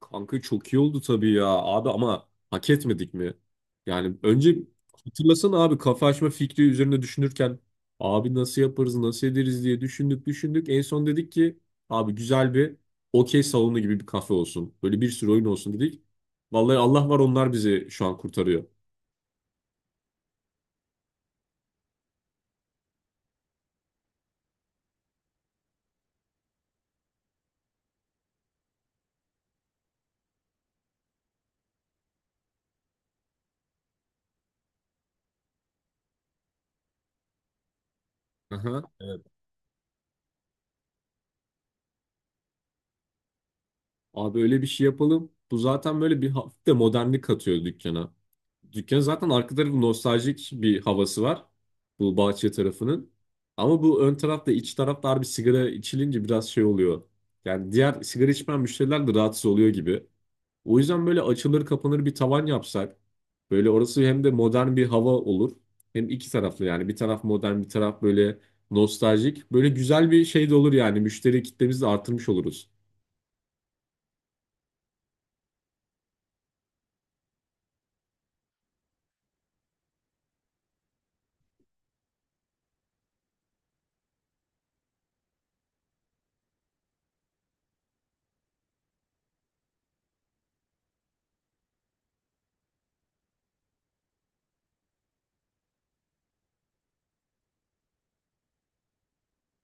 Kanka çok iyi oldu tabii ya abi, ama hak etmedik mi? Yani önce hatırlasana abi, kafa açma fikri üzerine düşünürken abi nasıl yaparız nasıl ederiz diye düşündük düşündük. En son dedik ki abi, güzel bir okey salonu gibi bir kafe olsun. Böyle bir sürü oyun olsun dedik. Vallahi Allah var, onlar bizi şu an kurtarıyor. Aha. Abi öyle bir şey yapalım. Bu zaten böyle bir hafif de modernlik katıyor dükkana. Dükkan zaten arka tarafı nostaljik bir havası var. Bu bahçe tarafının. Ama bu ön tarafta, iç tarafta bir sigara içilince biraz şey oluyor. Yani diğer sigara içmeyen müşteriler de rahatsız oluyor gibi. O yüzden böyle açılır kapanır bir tavan yapsak böyle orası hem de modern bir hava olur. Hem iki taraflı, yani bir taraf modern, bir taraf böyle nostaljik. Böyle güzel bir şey de olur yani, müşteri kitlemizi de artırmış oluruz.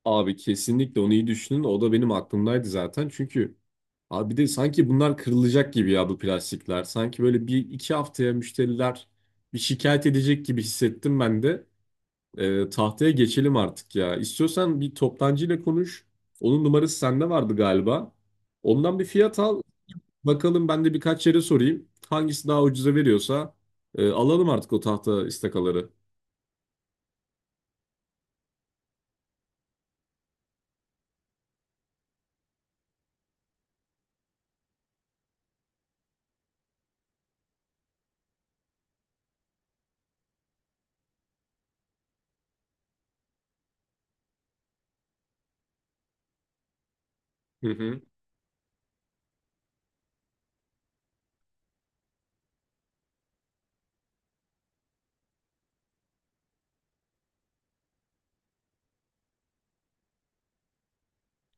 Abi kesinlikle onu iyi düşünün. O da benim aklımdaydı zaten. Çünkü abi bir de sanki bunlar kırılacak gibi ya bu plastikler. Sanki böyle bir iki haftaya müşteriler bir şikayet edecek gibi hissettim ben de. Tahtaya geçelim artık ya. İstiyorsan bir toptancıyla konuş. Onun numarası sende vardı galiba. Ondan bir fiyat al. Bakalım ben de birkaç yere sorayım. Hangisi daha ucuza veriyorsa alalım artık o tahta istakaları. Hı hı.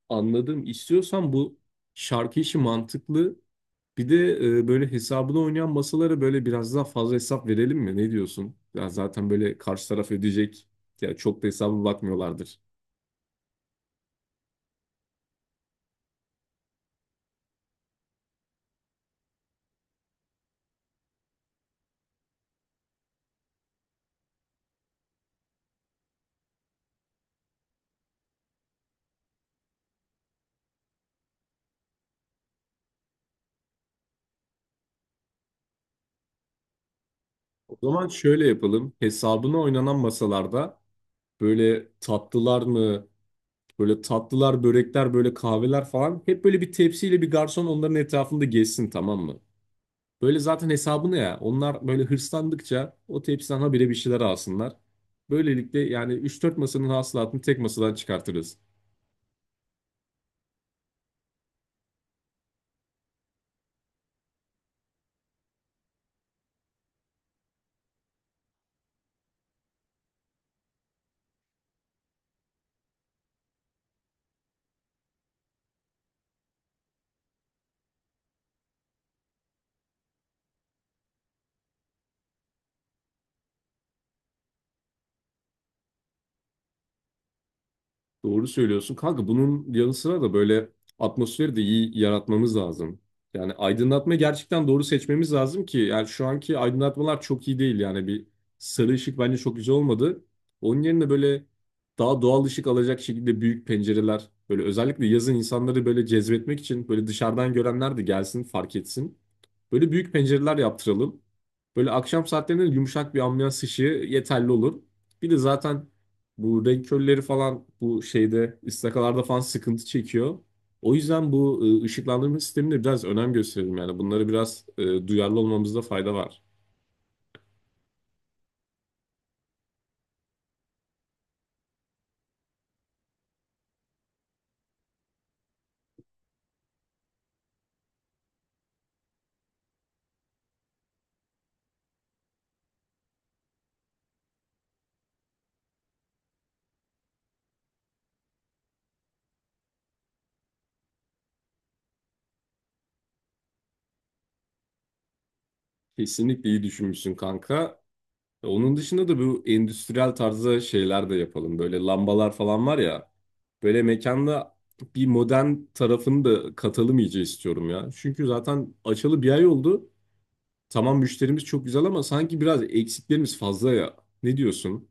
Anladım. İstiyorsan bu şarkı işi mantıklı. Bir de böyle hesabını oynayan masalara böyle biraz daha fazla hesap verelim mi? Ne diyorsun? Ya zaten böyle karşı taraf ödeyecek. Ya çok da hesaba bakmıyorlardır. O zaman şöyle yapalım. Hesabına oynanan masalarda böyle tatlılar mı, böyle tatlılar, börekler, böyle kahveler falan hep böyle bir tepsiyle bir garson onların etrafında gezsin, tamam mı? Böyle zaten hesabını ya. Onlar böyle hırslandıkça o tepsiden habire bir şeyler alsınlar. Böylelikle yani üç dört masanın hasılatını tek masadan çıkartırız. Doğru söylüyorsun. Kanka bunun yanı sıra da böyle atmosferi de iyi yaratmamız lazım. Yani aydınlatma gerçekten doğru seçmemiz lazım ki, yani şu anki aydınlatmalar çok iyi değil yani, bir sarı ışık bence çok güzel olmadı. Onun yerine böyle daha doğal ışık alacak şekilde büyük pencereler, böyle özellikle yazın insanları böyle cezbetmek için, böyle dışarıdan görenler de gelsin, fark etsin. Böyle büyük pencereler yaptıralım. Böyle akşam saatlerinde yumuşak bir ambiyans ışığı yeterli olur. Bir de zaten bu renk körleri falan bu şeyde, istakalarda falan sıkıntı çekiyor. O yüzden bu ışıklandırma sistemine biraz önem gösterelim yani. Bunları biraz duyarlı olmamızda fayda var. Kesinlikle iyi düşünmüşsün kanka. Onun dışında da bu endüstriyel tarzda şeyler de yapalım. Böyle lambalar falan var ya. Böyle mekanda bir modern tarafını da katalım iyice, istiyorum ya. Çünkü zaten açalı bir ay oldu. Tamam müşterimiz çok güzel, ama sanki biraz eksiklerimiz fazla ya. Ne diyorsun?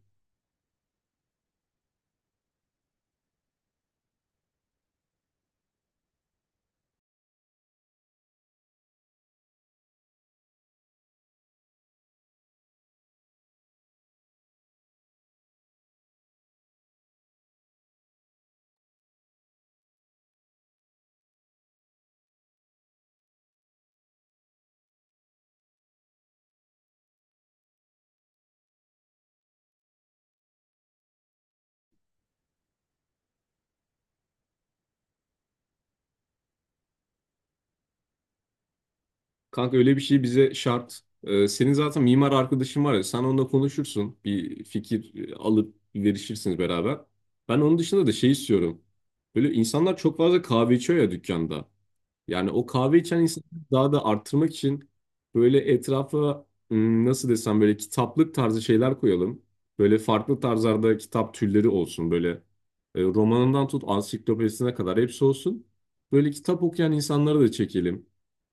Kanka öyle bir şey bize şart. Senin zaten mimar arkadaşın var ya, sen onunla konuşursun. Bir fikir alıp verişirsiniz beraber. Ben onun dışında da şey istiyorum. Böyle insanlar çok fazla kahve içiyor ya dükkanda. Yani o kahve içen insanları daha da arttırmak için böyle etrafa nasıl desem böyle kitaplık tarzı şeyler koyalım. Böyle farklı tarzlarda kitap türleri olsun. Böyle romanından tut ansiklopedisine kadar hepsi olsun. Böyle kitap okuyan insanları da çekelim.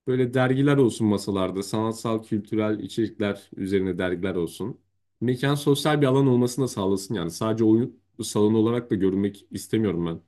Böyle dergiler olsun masalarda. Sanatsal, kültürel içerikler üzerine dergiler olsun. Mekan sosyal bir alan olmasını da sağlasın yani. Sadece oyun salonu olarak da görünmek istemiyorum ben.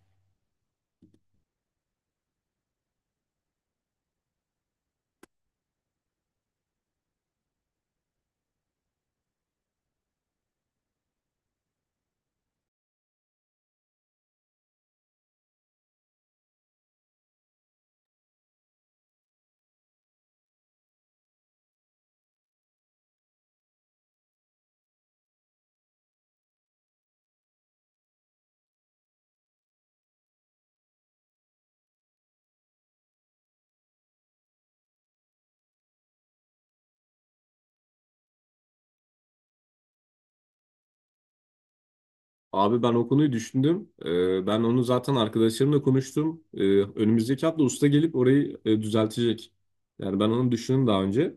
Abi ben o konuyu düşündüm. Ben onu zaten arkadaşlarımla konuştum. Önümüzdeki hafta usta gelip orayı düzeltecek. Yani ben onu düşündüm daha önce.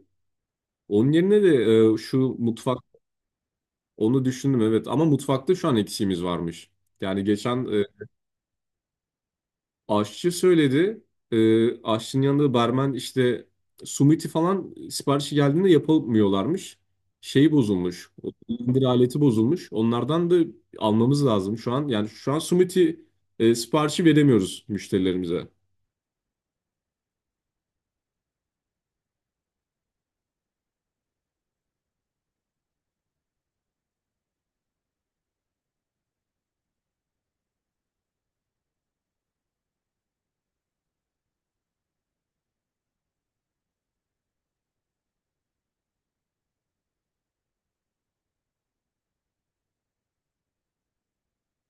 Onun yerine de şu mutfak onu düşündüm, evet, ama mutfakta şu an eksiğimiz varmış. Yani geçen aşçı söyledi. Aşçının yanında barmen işte sumiti falan siparişi geldiğinde yapamıyorlarmış. Şeyi bozulmuş. O indir aleti bozulmuş. Onlardan da almamız lazım şu an. Yani şu an sumiti siparişi veremiyoruz müşterilerimize.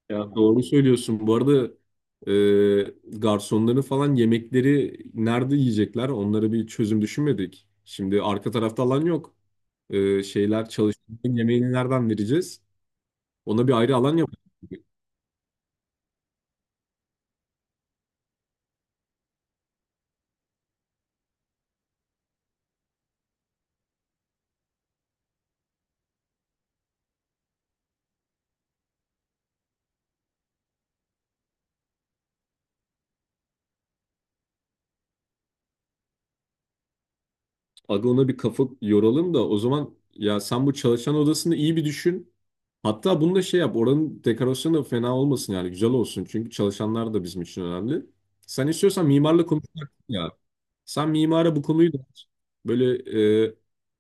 Ya doğru söylüyorsun. Bu arada garsonların falan yemekleri nerede yiyecekler? Onlara bir çözüm düşünmedik. Şimdi arka tarafta alan yok. Şeyler, çalışanların yemeğini nereden vereceğiz? Ona bir ayrı alan yapalım. Aga ona bir kafa yoralım da o zaman ya, sen bu çalışan odasını iyi bir düşün. Hatta bunu da şey yap, oranın dekorasyonu da fena olmasın, yani güzel olsun. Çünkü çalışanlar da bizim için önemli. Sen istiyorsan mimarla konuş ya. Sen mimara bu konuyu da aç. Böyle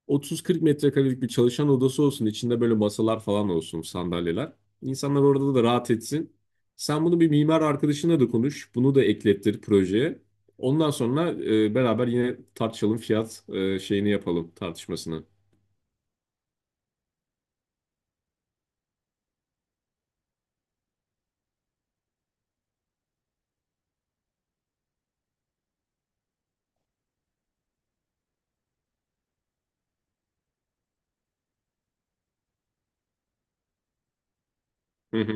30-40 metrekarelik bir çalışan odası olsun. İçinde böyle masalar falan olsun, sandalyeler. İnsanlar orada da rahat etsin. Sen bunu bir mimar arkadaşına da konuş. Bunu da eklettir projeye. Ondan sonra beraber yine tartışalım, fiyat şeyini yapalım, tartışmasını. Hı hı.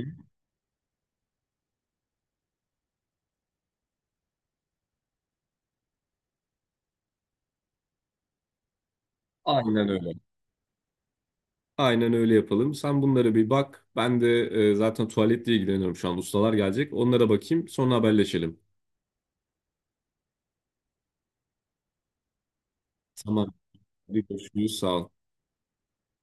Aynen öyle. Aynen öyle yapalım. Sen bunlara bir bak. Ben de zaten tuvaletle ilgileniyorum şu an. Ustalar gelecek. Onlara bakayım. Sonra haberleşelim. Tamam. Hadi görüşürüz. Sağ ol.